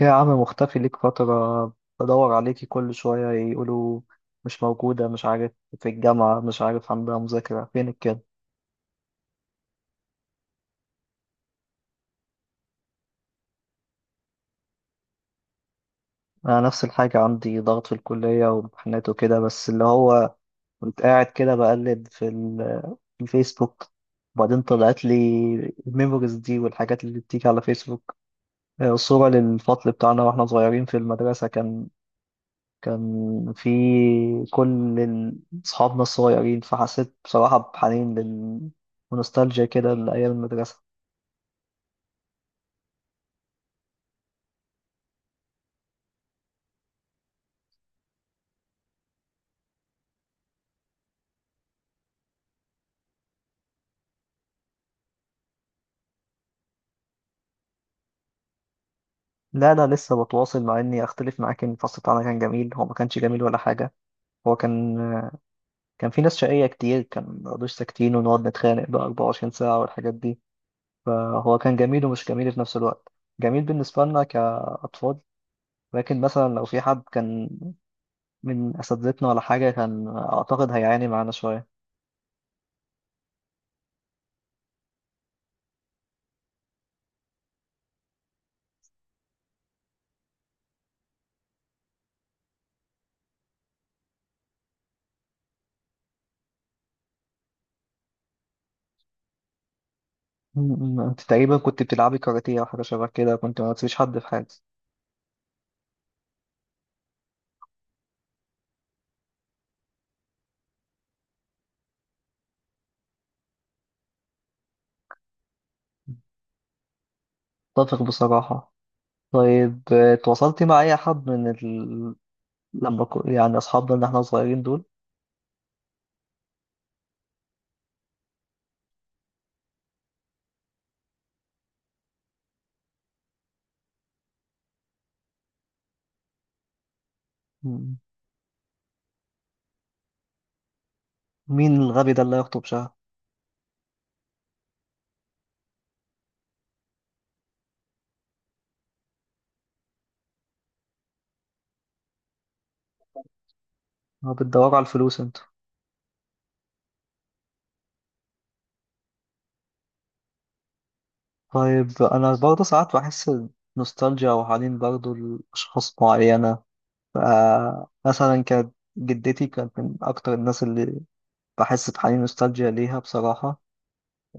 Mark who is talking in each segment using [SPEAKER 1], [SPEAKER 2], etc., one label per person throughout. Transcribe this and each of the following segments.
[SPEAKER 1] يا عم، مختفي ليك فترة. بدور عليكي كل شوية يقولوا مش موجودة، مش عارف، في الجامعة، مش عارف عندها مذاكرة، فينك كده؟ أنا نفس الحاجة، عندي ضغط في الكلية وامتحانات وكده، بس اللي هو كنت قاعد كده بقلب في الفيسبوك، وبعدين طلعت لي الميموريز دي والحاجات اللي بتيجي على فيسبوك. صورة للفصل بتاعنا واحنا صغيرين في المدرسة، كان في كل ال- أصحابنا الصغيرين. فحسيت بصراحة بحنين ونوستالجيا كده لأيام المدرسة. لا، لا، لسه بتواصل مع، إني أختلف معاك إن الفصل بتاعنا كان جميل، هو ما كانش جميل ولا حاجة. هو كان في ناس شقية كتير، كان مبيقعدوش ساكتين ونقعد نتخانق بقى 24 ساعة والحاجات دي، فهو كان جميل ومش جميل في نفس الوقت. جميل بالنسبة لنا كأطفال، لكن مثلا لو في حد كان من أساتذتنا ولا حاجة، كان أعتقد هيعاني معانا شوية. م- م. انت تقريبا كنت بتلعبي كاراتيه او حاجه شبه كده، كنت ما تسيبيش حد في حاجه. اتفق بصراحه. طيب، اتواصلتي مع اي حد يعني اصحابنا اللي احنا صغيرين دول؟ م. مين الغبي ده اللي هيخطب شهر؟ ما بتدوروا على الفلوس انتوا؟ طيب، انا برضه ساعات بحس نوستالجيا وحنين برضه لاشخاص معينه. ف- مثلا كانت جدتي، كانت من اكتر الناس اللي بحس بحنين نوستالجيا ليها بصراحه.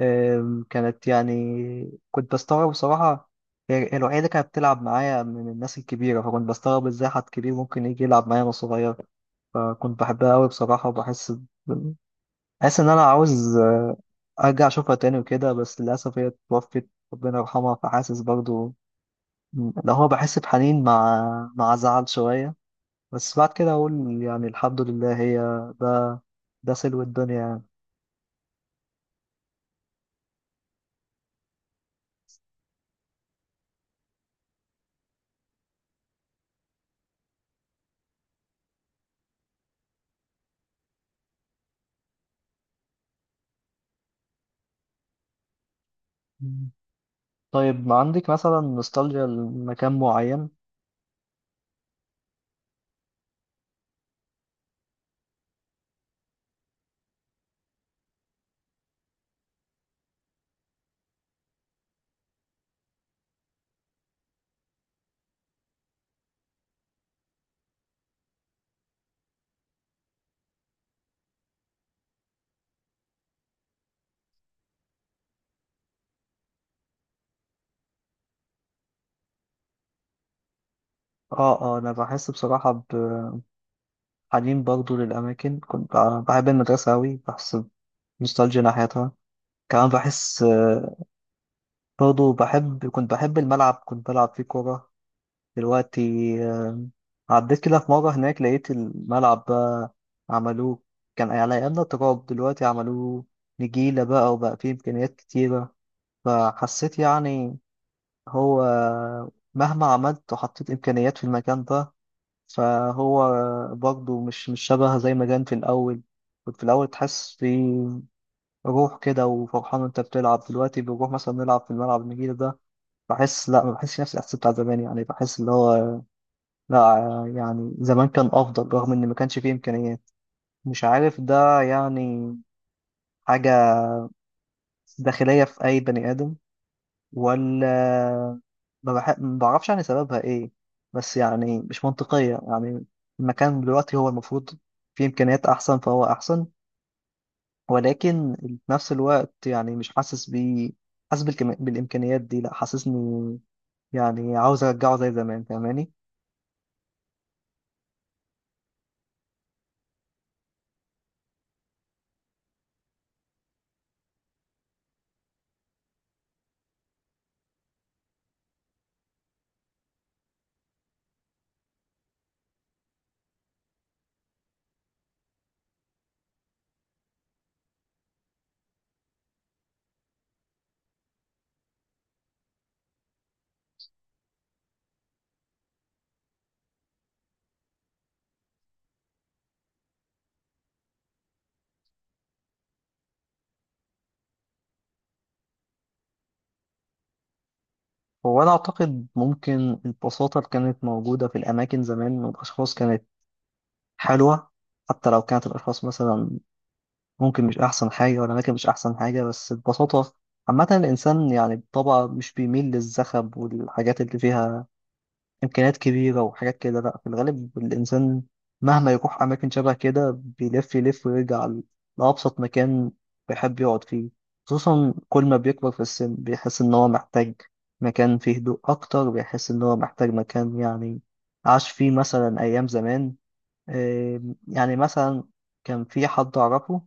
[SPEAKER 1] كانت يعني، كنت بستغرب بصراحة، هي الوحيدة اللي كانت بتلعب معايا من الناس الكبيرة، فكنت بستغرب ازاي حد كبير ممكن يجي يلعب معايا وانا صغير. فكنت بحبها أوي بصراحة، وبحس ب- حاسس إن أنا عاوز أرجع أشوفها تاني وكده، بس للأسف هي اتوفت ربنا يرحمها. فحاسس برضو اللي هو بحس بحنين مع زعل شوية، بس بعد كده أقول يعني الحمد لله. هي ده ده سلو الدنيا يعني. طيب، ما عندك مثلا نوستالجيا لمكان معين؟ اه، اه، انا بحس بصراحة بحنين برضو للأماكن، كنت بحب المدرسة أوي، بحس بنوستالجيا ناحيتها. كمان بحس، برضو كنت بحب الملعب، كنت بلعب فيه كورة. دلوقتي آه، عديت كده في مرة هناك، لقيت الملعب بقى عملوه، كان يعني على أيامنا تراب، دلوقتي عملوه نجيلة بقى وبقى فيه إمكانيات كتيرة. فحسيت يعني، هو مهما عملت وحطيت إمكانيات في المكان ده، فهو برضه مش شبه زي ما كان في الأول. كنت في الأول تحس في روح كده وفرحان وأنت بتلعب، دلوقتي بنروح مثلا نلعب في الملعب النجيل ده، بحس لا، ما بحسش نفس الإحساس بتاع زمان. يعني بحس اللي هو لا، يعني زمان كان أفضل رغم إن ما كانش فيه إمكانيات. مش عارف ده يعني حاجة داخلية في أي بني آدم، ولا ما بعرفش يعني سببها ايه. بس يعني مش منطقية يعني، المكان دلوقتي هو المفروض فيه إمكانيات أحسن فهو أحسن، ولكن في نفس الوقت يعني مش حاسس بيه. حاسس بالإمكانيات دي، لا حاسسني، يعني عاوز أرجعه زي زمان، فاهماني؟ هو أنا أعتقد ممكن البساطة اللي كانت موجودة في الأماكن زمان، والأشخاص كانت حلوة. حتى لو كانت الأشخاص مثلا ممكن مش أحسن حاجة والأماكن مش أحسن حاجة، بس ببساطة، عامة الإنسان يعني بطبعه مش بيميل للزخب والحاجات اللي فيها إمكانيات كبيرة وحاجات كده. لأ، في الغالب الإنسان مهما يروح أماكن شبه كده، بيلف يلف ويرجع لأبسط مكان بيحب يقعد فيه. خصوصا كل ما بيكبر في السن، بيحس إن هو محتاج مكان فيه هدوء أكتر، بيحس إن هو محتاج مكان يعني عاش فيه مثلا أيام زمان. إيه، يعني مثلا كان في حد أعرفه،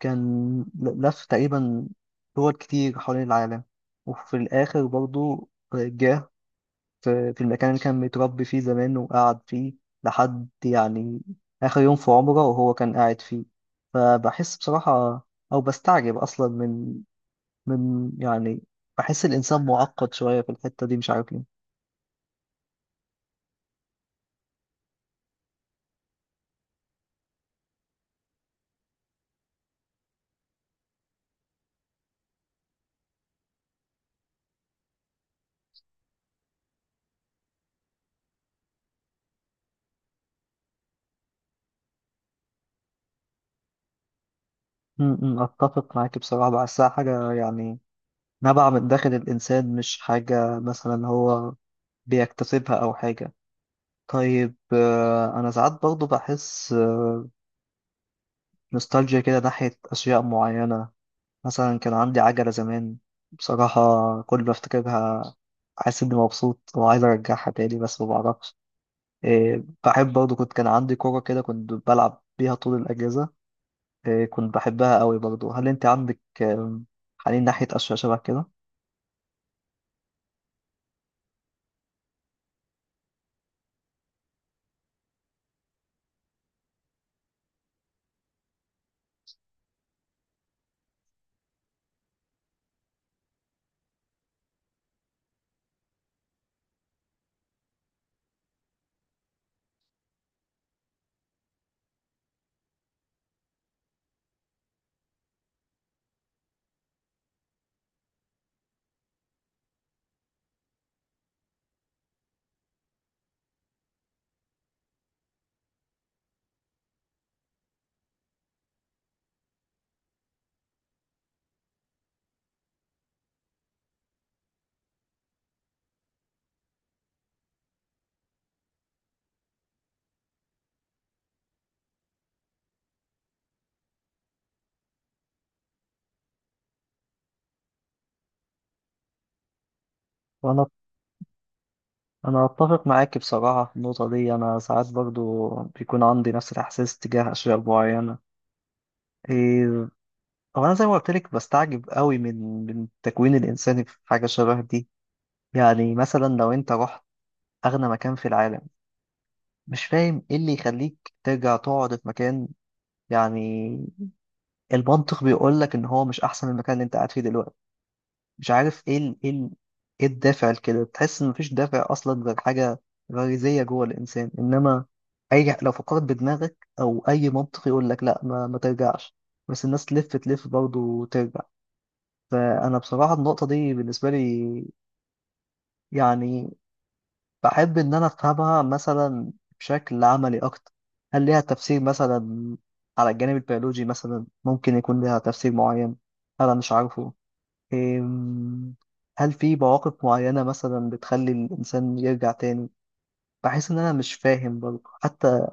[SPEAKER 1] كان لف تقريبا دول كتير حوالين العالم، وفي الآخر برضو جه في المكان اللي كان متربي فيه زمان وقعد فيه لحد يعني آخر يوم في عمره وهو كان قاعد فيه. فبحس بصراحة، أو بستعجب أصلا من يعني، بحس الإنسان معقد شوية في الحتة دي، مش عارف ليه. م- م، أتفق معاك بصراحة، بحسها حاجة يعني نبع من داخل الإنسان، مش حاجة مثلا هو بيكتسبها أو حاجة. طيب، أنا ساعات برضه بحس نوستالجيا كده ناحية أشياء معينة. مثلا كان عندي عجلة زمان، بصراحة كل ما أفتكرها حاسس إني مبسوط وعايز أرجعها تاني بس ما بعرفش. بحب برضه، كان عندي كورة كده كنت بلعب بيها طول الأجازة، كنت بحبها قوي برضه. هل أنت عندك حنين ناحية أشياء شبه كده؟ وأنا أتفق معاك بصراحة في النقطة دي. أنا ساعات برضه بيكون عندي نفس الإحساس تجاه أشياء معينة. هو انا زي ما قلت لك بستعجب قوي من التكوين الانساني في حاجه شبه دي. يعني مثلا لو انت رحت اغنى مكان في العالم، مش فاهم ايه اللي يخليك ترجع تقعد في مكان، يعني المنطق بيقول لك ان هو مش احسن من المكان اللي انت قاعد فيه دلوقتي. مش عارف ايه الدافع لكده، تحس ان مفيش دافع اصلا غير حاجه غريزيه جوه الانسان. انما اي لو فكرت بدماغك او اي منطق يقول لك لا، ما ترجعش، بس الناس تلف تلف برضه ترجع. فأنا بصراحة النقطة دي بالنسبة لي يعني بحب إن أنا أفهمها مثلا بشكل عملي أكتر. هل ليها تفسير مثلا على الجانب البيولوجي؟ مثلا ممكن يكون ليها تفسير معين أنا مش عارفه. أم، هل في مواقف معينة مثلا بتخلي الإنسان يرجع تاني؟ بحس إن أنا مش فاهم برضه حتى،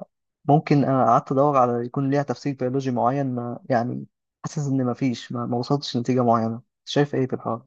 [SPEAKER 1] ممكن أنا قعدت أدور على يكون ليها تفسير بيولوجي معين، ما يعني حاسس إن مفيش، ما وصلتش لنتيجة معينة. شايف إيه في الحوار؟